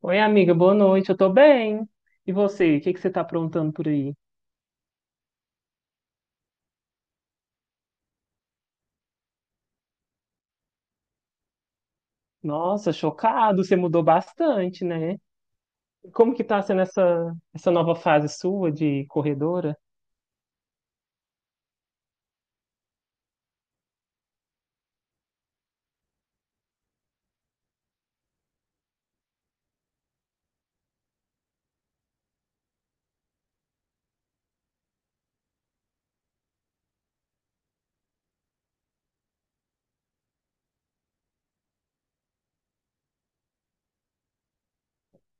Oi, amiga, boa noite. Eu tô bem. E você, o que que você tá aprontando por aí? Nossa, chocado, você mudou bastante, né? Como que tá sendo essa nova fase sua de corredora?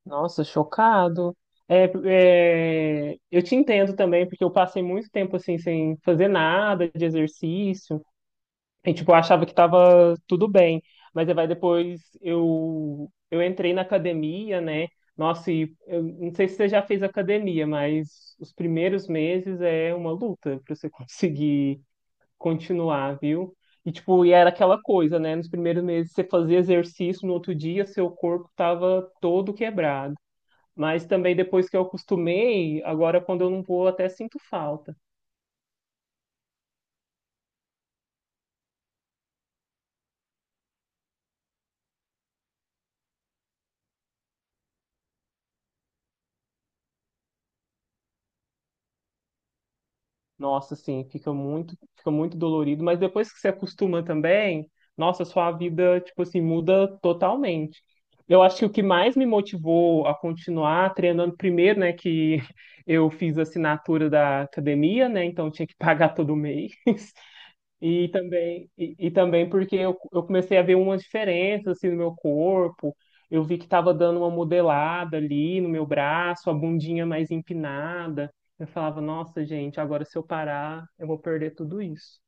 Nossa, chocado. É, eu te entendo também, porque eu passei muito tempo assim sem fazer nada de exercício. E, tipo, eu achava que tava tudo bem. Mas aí vai depois eu entrei na academia, né? Nossa, e eu não sei se você já fez academia, mas os primeiros meses é uma luta para você conseguir continuar, viu? E tipo, e era aquela coisa, né? Nos primeiros meses você fazia exercício, no outro dia seu corpo tava todo quebrado. Mas também depois que eu acostumei, agora quando eu não vou, até sinto falta. Nossa, sim, fica muito dolorido, mas depois que você acostuma também, nossa, sua vida, tipo assim, muda totalmente. Eu acho que o que mais me motivou a continuar treinando primeiro, né, que eu fiz a assinatura da academia, né, então tinha que pagar todo mês. E também, e também porque eu comecei a ver umas diferenças assim no meu corpo. Eu vi que estava dando uma modelada ali no meu braço, a bundinha mais empinada. Eu falava, nossa, gente, agora se eu parar, eu vou perder tudo isso.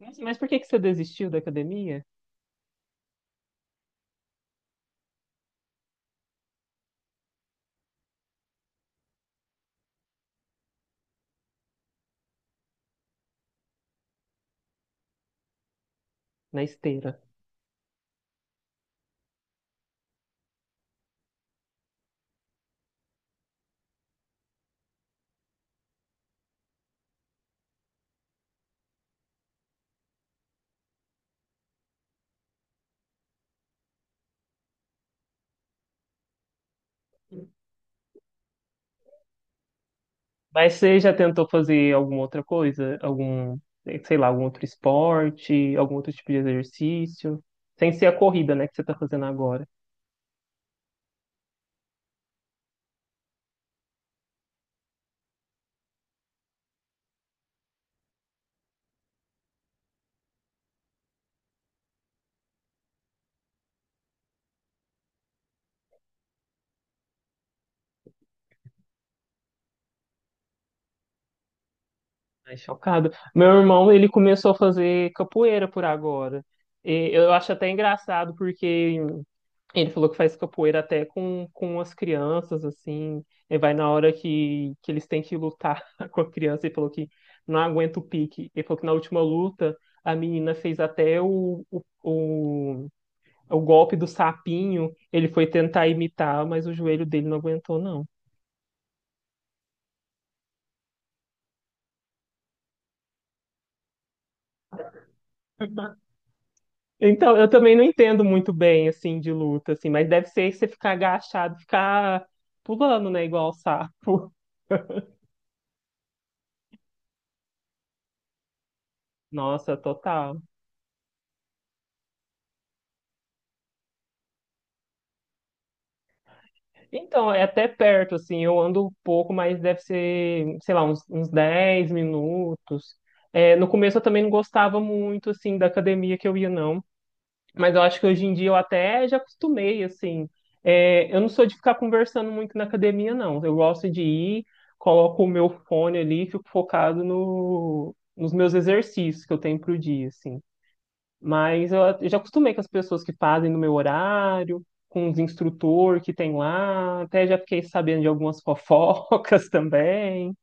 Nossa, mas por que que você desistiu da academia? Na esteira. Mas você já tentou fazer alguma outra coisa? Algum, sei lá, algum outro esporte, algum outro tipo de exercício? Sem ser a corrida, né, que você tá fazendo agora. Ai, chocado. Meu irmão, ele começou a fazer capoeira por agora. E eu acho até engraçado, porque ele falou que faz capoeira até com as crianças, assim. Ele vai na hora que eles têm que lutar com a criança. E falou que não aguenta o pique. Ele falou que na última luta, a menina fez até o golpe do sapinho, ele foi tentar imitar, mas o joelho dele não aguentou, não. Então, eu também não entendo muito bem, assim, de luta, assim, mas deve ser você ficar agachado, ficar pulando, né, igual sapo. Nossa, total. Então, é até perto, assim, eu ando um pouco, mas deve ser, sei lá, uns 10 minutos. É, no começo eu também não gostava muito, assim, da academia que eu ia, não. Mas eu acho que hoje em dia eu até já acostumei, assim. É, eu não sou de ficar conversando muito na academia, não. Eu gosto de ir, coloco o meu fone ali e fico focado no, nos meus exercícios que eu tenho pro dia, assim. Mas eu já acostumei com as pessoas que fazem no meu horário, com os instrutores que tem lá. Até já fiquei sabendo de algumas fofocas também.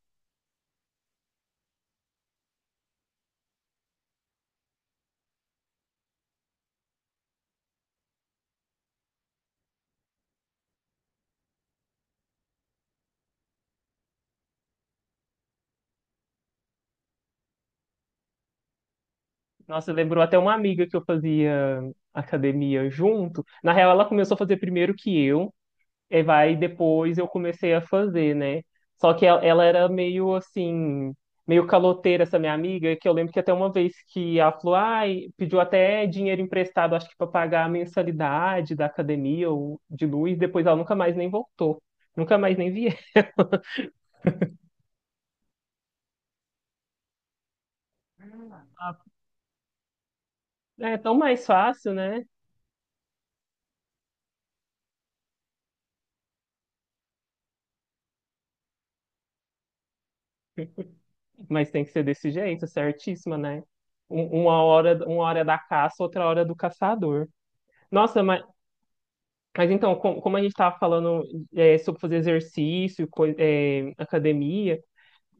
Nossa, lembrou até uma amiga que eu fazia academia junto. Na real, ela começou a fazer primeiro que eu. E vai depois eu comecei a fazer, né? Só que ela era meio assim, meio caloteira essa minha amiga, que eu lembro que até uma vez que ela falou, ai, pediu até dinheiro emprestado, acho que para pagar a mensalidade da academia ou de luz, depois ela nunca mais nem voltou. Nunca mais nem vi. Ela. É tão mais fácil, né? Mas tem que ser desse jeito, certíssima, né? Uma hora é da caça, outra hora é do caçador. Nossa, mas então, como a gente estava falando, é, sobre fazer exercício, é, academia,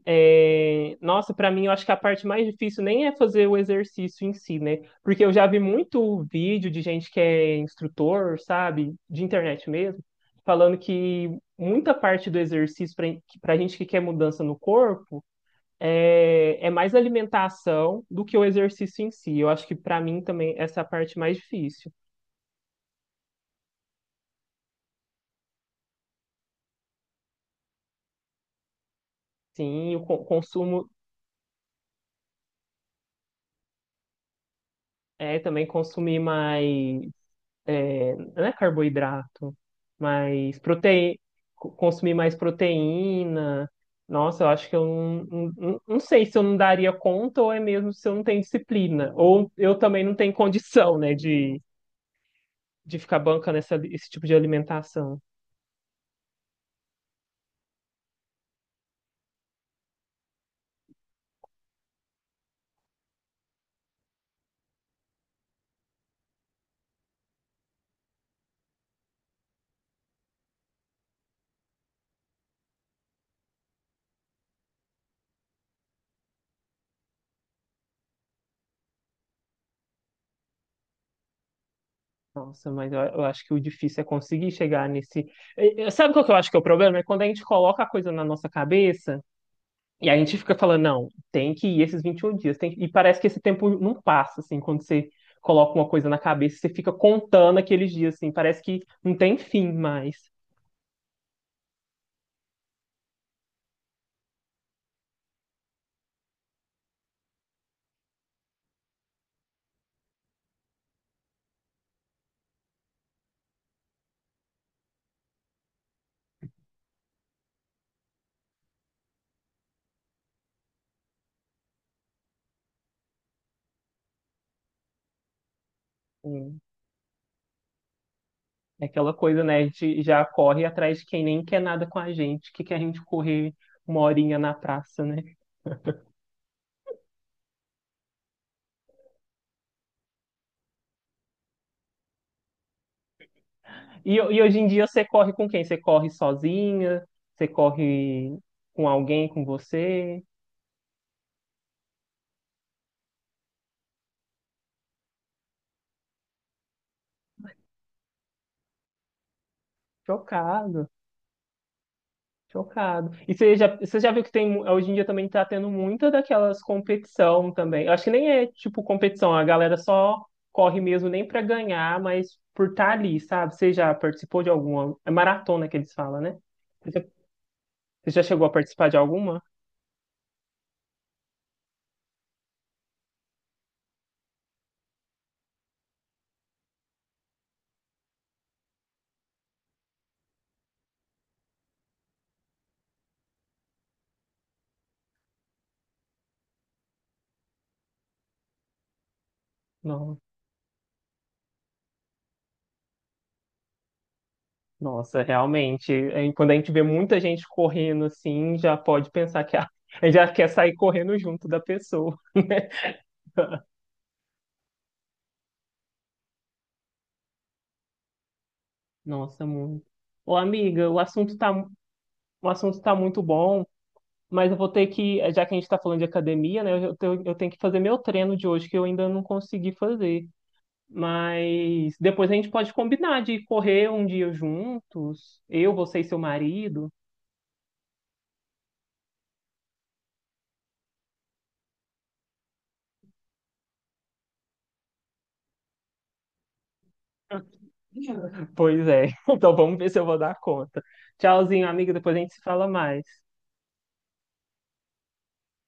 é, nossa, para mim eu acho que a parte mais difícil nem é fazer o exercício em si, né? Porque eu já vi muito vídeo de gente que é instrutor, sabe, de internet mesmo, falando que muita parte do exercício para a gente que quer mudança no corpo é mais alimentação do que o exercício em si. Eu acho que para mim também essa é a parte mais difícil. Sim, consumo, é, também consumir mais, é, não é carboidrato, mas proteína, consumir mais proteína. Nossa, eu acho que eu não sei se eu não daria conta ou é mesmo se eu não tenho disciplina. Ou eu também não tenho condição, né, de ficar bancando esse tipo de alimentação. Nossa, mas eu acho que o difícil é conseguir chegar nesse. Sabe qual que eu acho que é o problema? É quando a gente coloca a coisa na nossa cabeça. E a gente fica falando, não, tem que ir esses 21 dias, tem que... E parece que esse tempo não passa, assim, quando você coloca uma coisa na cabeça, você fica contando aqueles dias, assim, parece que não tem fim mais. Assim. É aquela coisa, né, a gente já corre atrás de quem nem quer nada com a gente, que quer a gente correr uma horinha na praça, né? E hoje em dia você corre com quem? Você corre sozinha? Você corre com alguém, com você? Chocado. Chocado. E você já viu que tem, hoje em dia também tá tendo muita daquelas competição também. Eu acho que nem é tipo competição, a galera só corre mesmo nem pra ganhar, mas por estar ali, sabe? Você já participou de alguma? É maratona que eles falam, né? Você já, você já chegou a participar de alguma? Não. Nossa, realmente. É, quando a gente vê muita gente correndo assim, já pode pensar que a gente já quer sair correndo junto da pessoa. Nossa, muito. Ô, amiga, o assunto tá muito bom. Mas eu vou ter que, já que a gente está falando de academia, né? Eu tenho que fazer meu treino de hoje, que eu ainda não consegui fazer. Mas depois a gente pode combinar de correr um dia juntos, eu, você e seu marido. Pois é. Então vamos ver se eu vou dar conta. Tchauzinho, amiga. Depois a gente se fala mais.